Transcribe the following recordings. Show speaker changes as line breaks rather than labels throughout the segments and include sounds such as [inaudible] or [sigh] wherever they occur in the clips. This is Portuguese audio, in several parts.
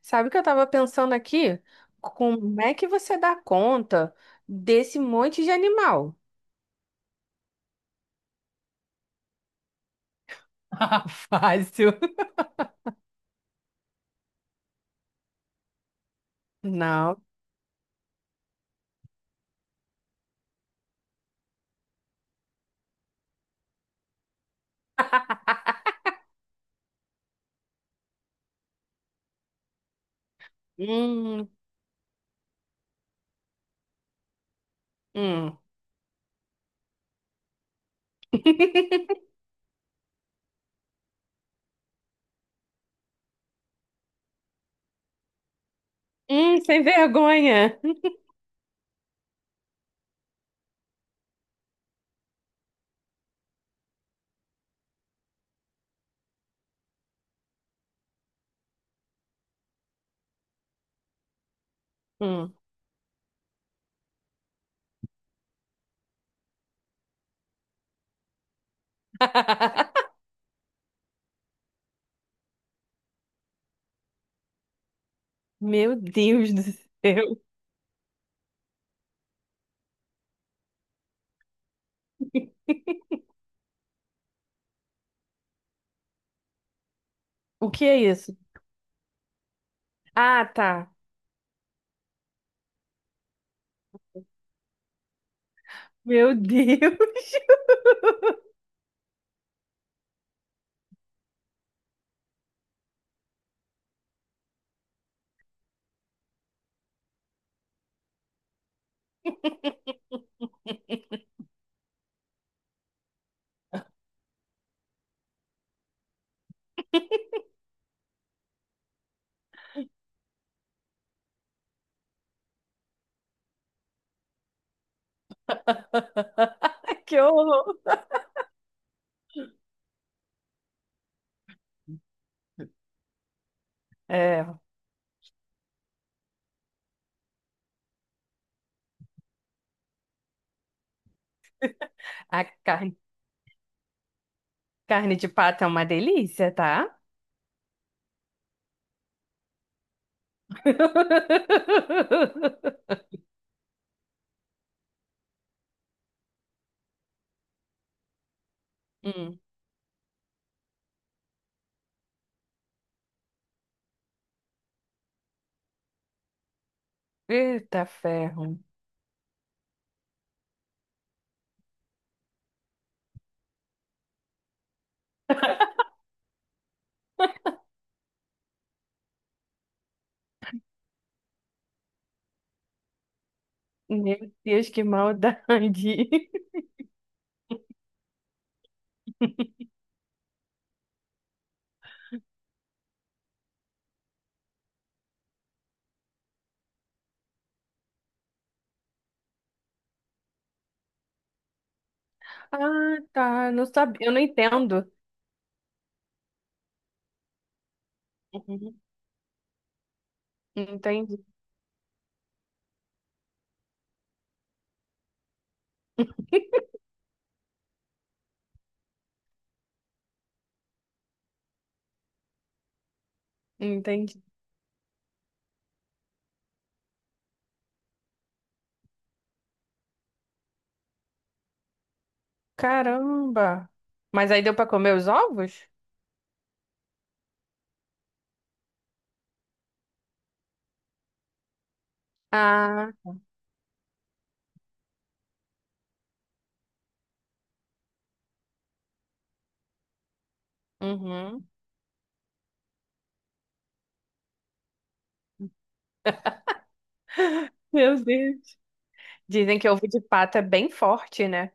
Sabe o que eu tava pensando aqui? Como é que você dá conta desse monte de animal? [laughs] Fácil. Não. Hum, hum. [laughs] Sem vergonha. Hum. [laughs] Meu Deus do céu. O que é isso? Ah, tá. Meu Deus. [laughs] Que horror. É, a carne, carne de pato é uma delícia, tá? [laughs] Hum. Eita ferro. Meu Deus, que maldade. [laughs] Ah, tá. Não sabia. Eu não entendo. Uhum. Entendi. Entendi. Caramba. Mas aí deu pra comer os ovos? Ah, uhum. Meu Deus. Dizem que ovo de pato é bem forte, né?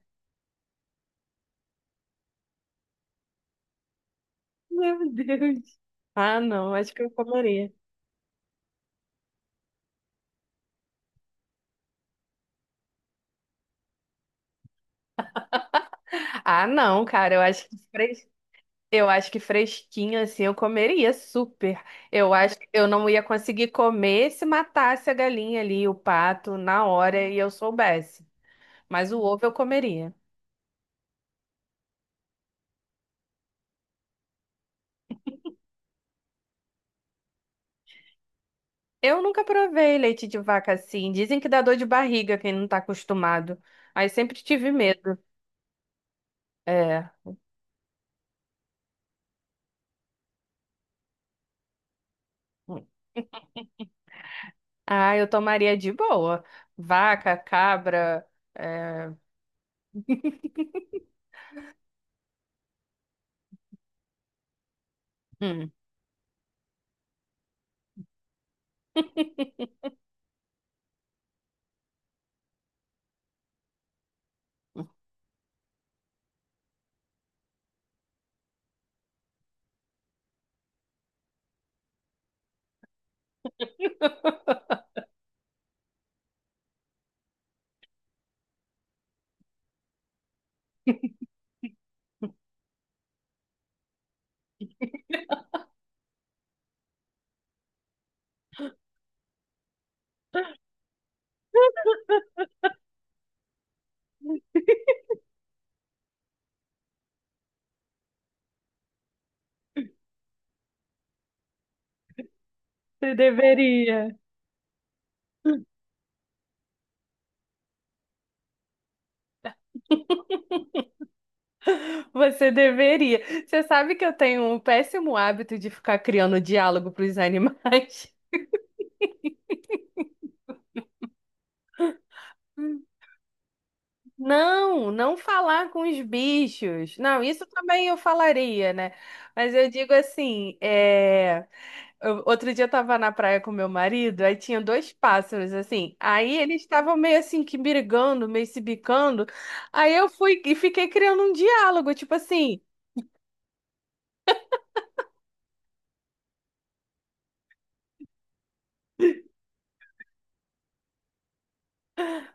Meu Deus. Ah, não. Acho que eu comeria. Ah, não, cara. Eu acho que fresquinho assim eu comeria super. Eu acho que eu não ia conseguir comer se matasse a galinha ali, o pato, na hora e eu soubesse. Mas o ovo eu comeria. Eu nunca provei leite de vaca assim. Dizem que dá dor de barriga quem não tá acostumado. Aí sempre tive medo. É. Ah, eu tomaria de boa. Vaca, cabra. É... Hum. Você deveria. Você deveria. Você sabe que eu tenho um péssimo hábito de ficar criando diálogo para os animais. [laughs] Não, não falar com os bichos. Não, isso também eu falaria, né? Mas eu digo assim, é... outro dia eu tava na praia com meu marido, aí tinha dois pássaros, assim. Aí eles estavam meio assim que brigando, meio se bicando. Aí eu fui e fiquei criando um diálogo, tipo assim.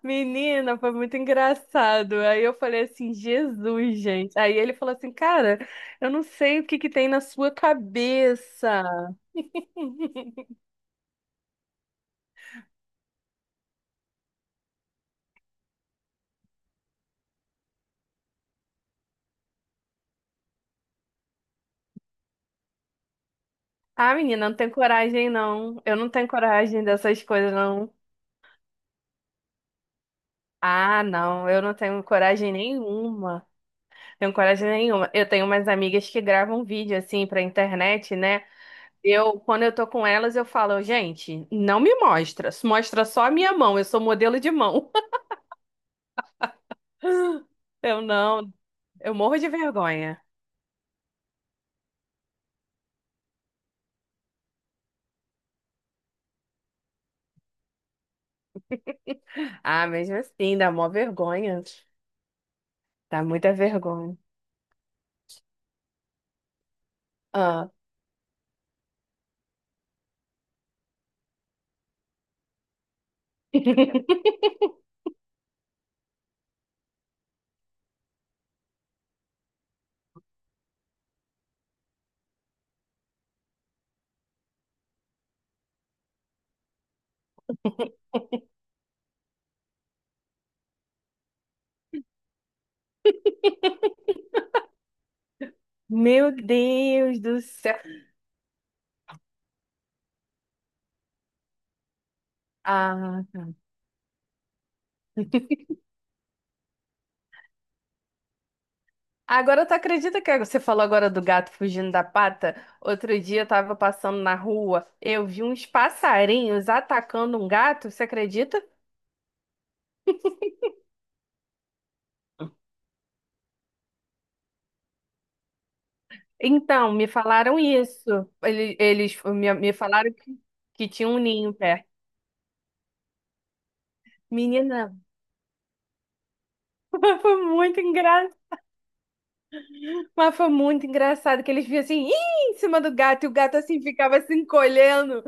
Menina, foi muito engraçado. Aí eu falei assim, Jesus, gente. Aí ele falou assim, cara, eu não sei o que que tem na sua cabeça. [laughs] Ah, menina, não tem coragem, não. Eu não tenho coragem dessas coisas, não. Ah, não, eu não tenho coragem nenhuma. Tenho coragem nenhuma. Eu tenho umas amigas que gravam vídeo assim pra internet, né? Eu, quando eu tô com elas, eu falo, gente, não me mostra. Mostra só a minha mão. Eu sou modelo de mão. [laughs] Eu não, eu morro de vergonha. Ah, mesmo assim, dá mó vergonha. Dá muita vergonha. Ah. [laughs] Meu Deus do céu. Ah, tá. Agora tu acredita que você falou agora do gato fugindo da pata? Outro dia eu tava passando na rua, eu vi uns passarinhos atacando um gato, você acredita? Então, me falaram isso. Eles, me falaram que tinha um ninho perto. Menina, [laughs] foi muito Mas foi muito engraçado que eles viam assim, "Ih", em cima do gato, e o gato assim ficava se encolhendo.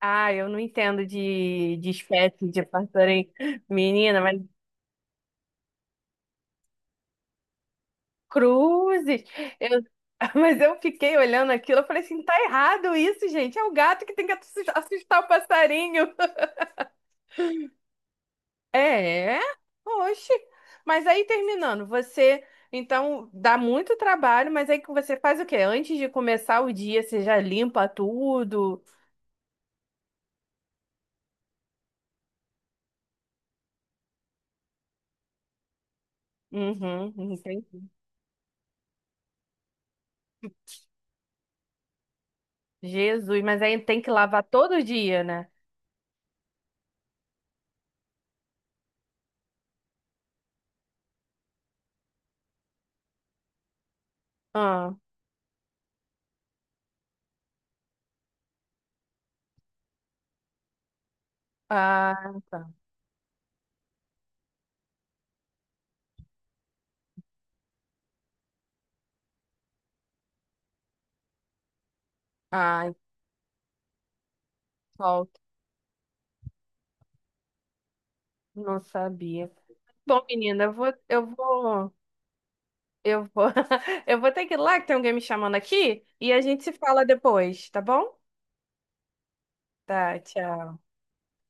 Ah, eu não entendo de espécie de passarinho. Menina, mas cruzes. Eu, [laughs] Mas eu fiquei olhando aquilo, eu falei assim, tá errado isso, gente. É o gato que tem que assustar o passarinho. [laughs] É, oxe. Mas aí terminando, você então dá muito trabalho, mas aí que você faz o quê? Antes de começar o dia, você já limpa tudo. Uhum, entendi. Jesus, mas aí tem que lavar todo dia, né? Ah, ah, tá. Ai, solta. Não sabia. Bom, menina, eu vou, [laughs] eu vou ter que ir lá que tem alguém me chamando aqui e a gente se fala depois, tá bom? Tá, tchau.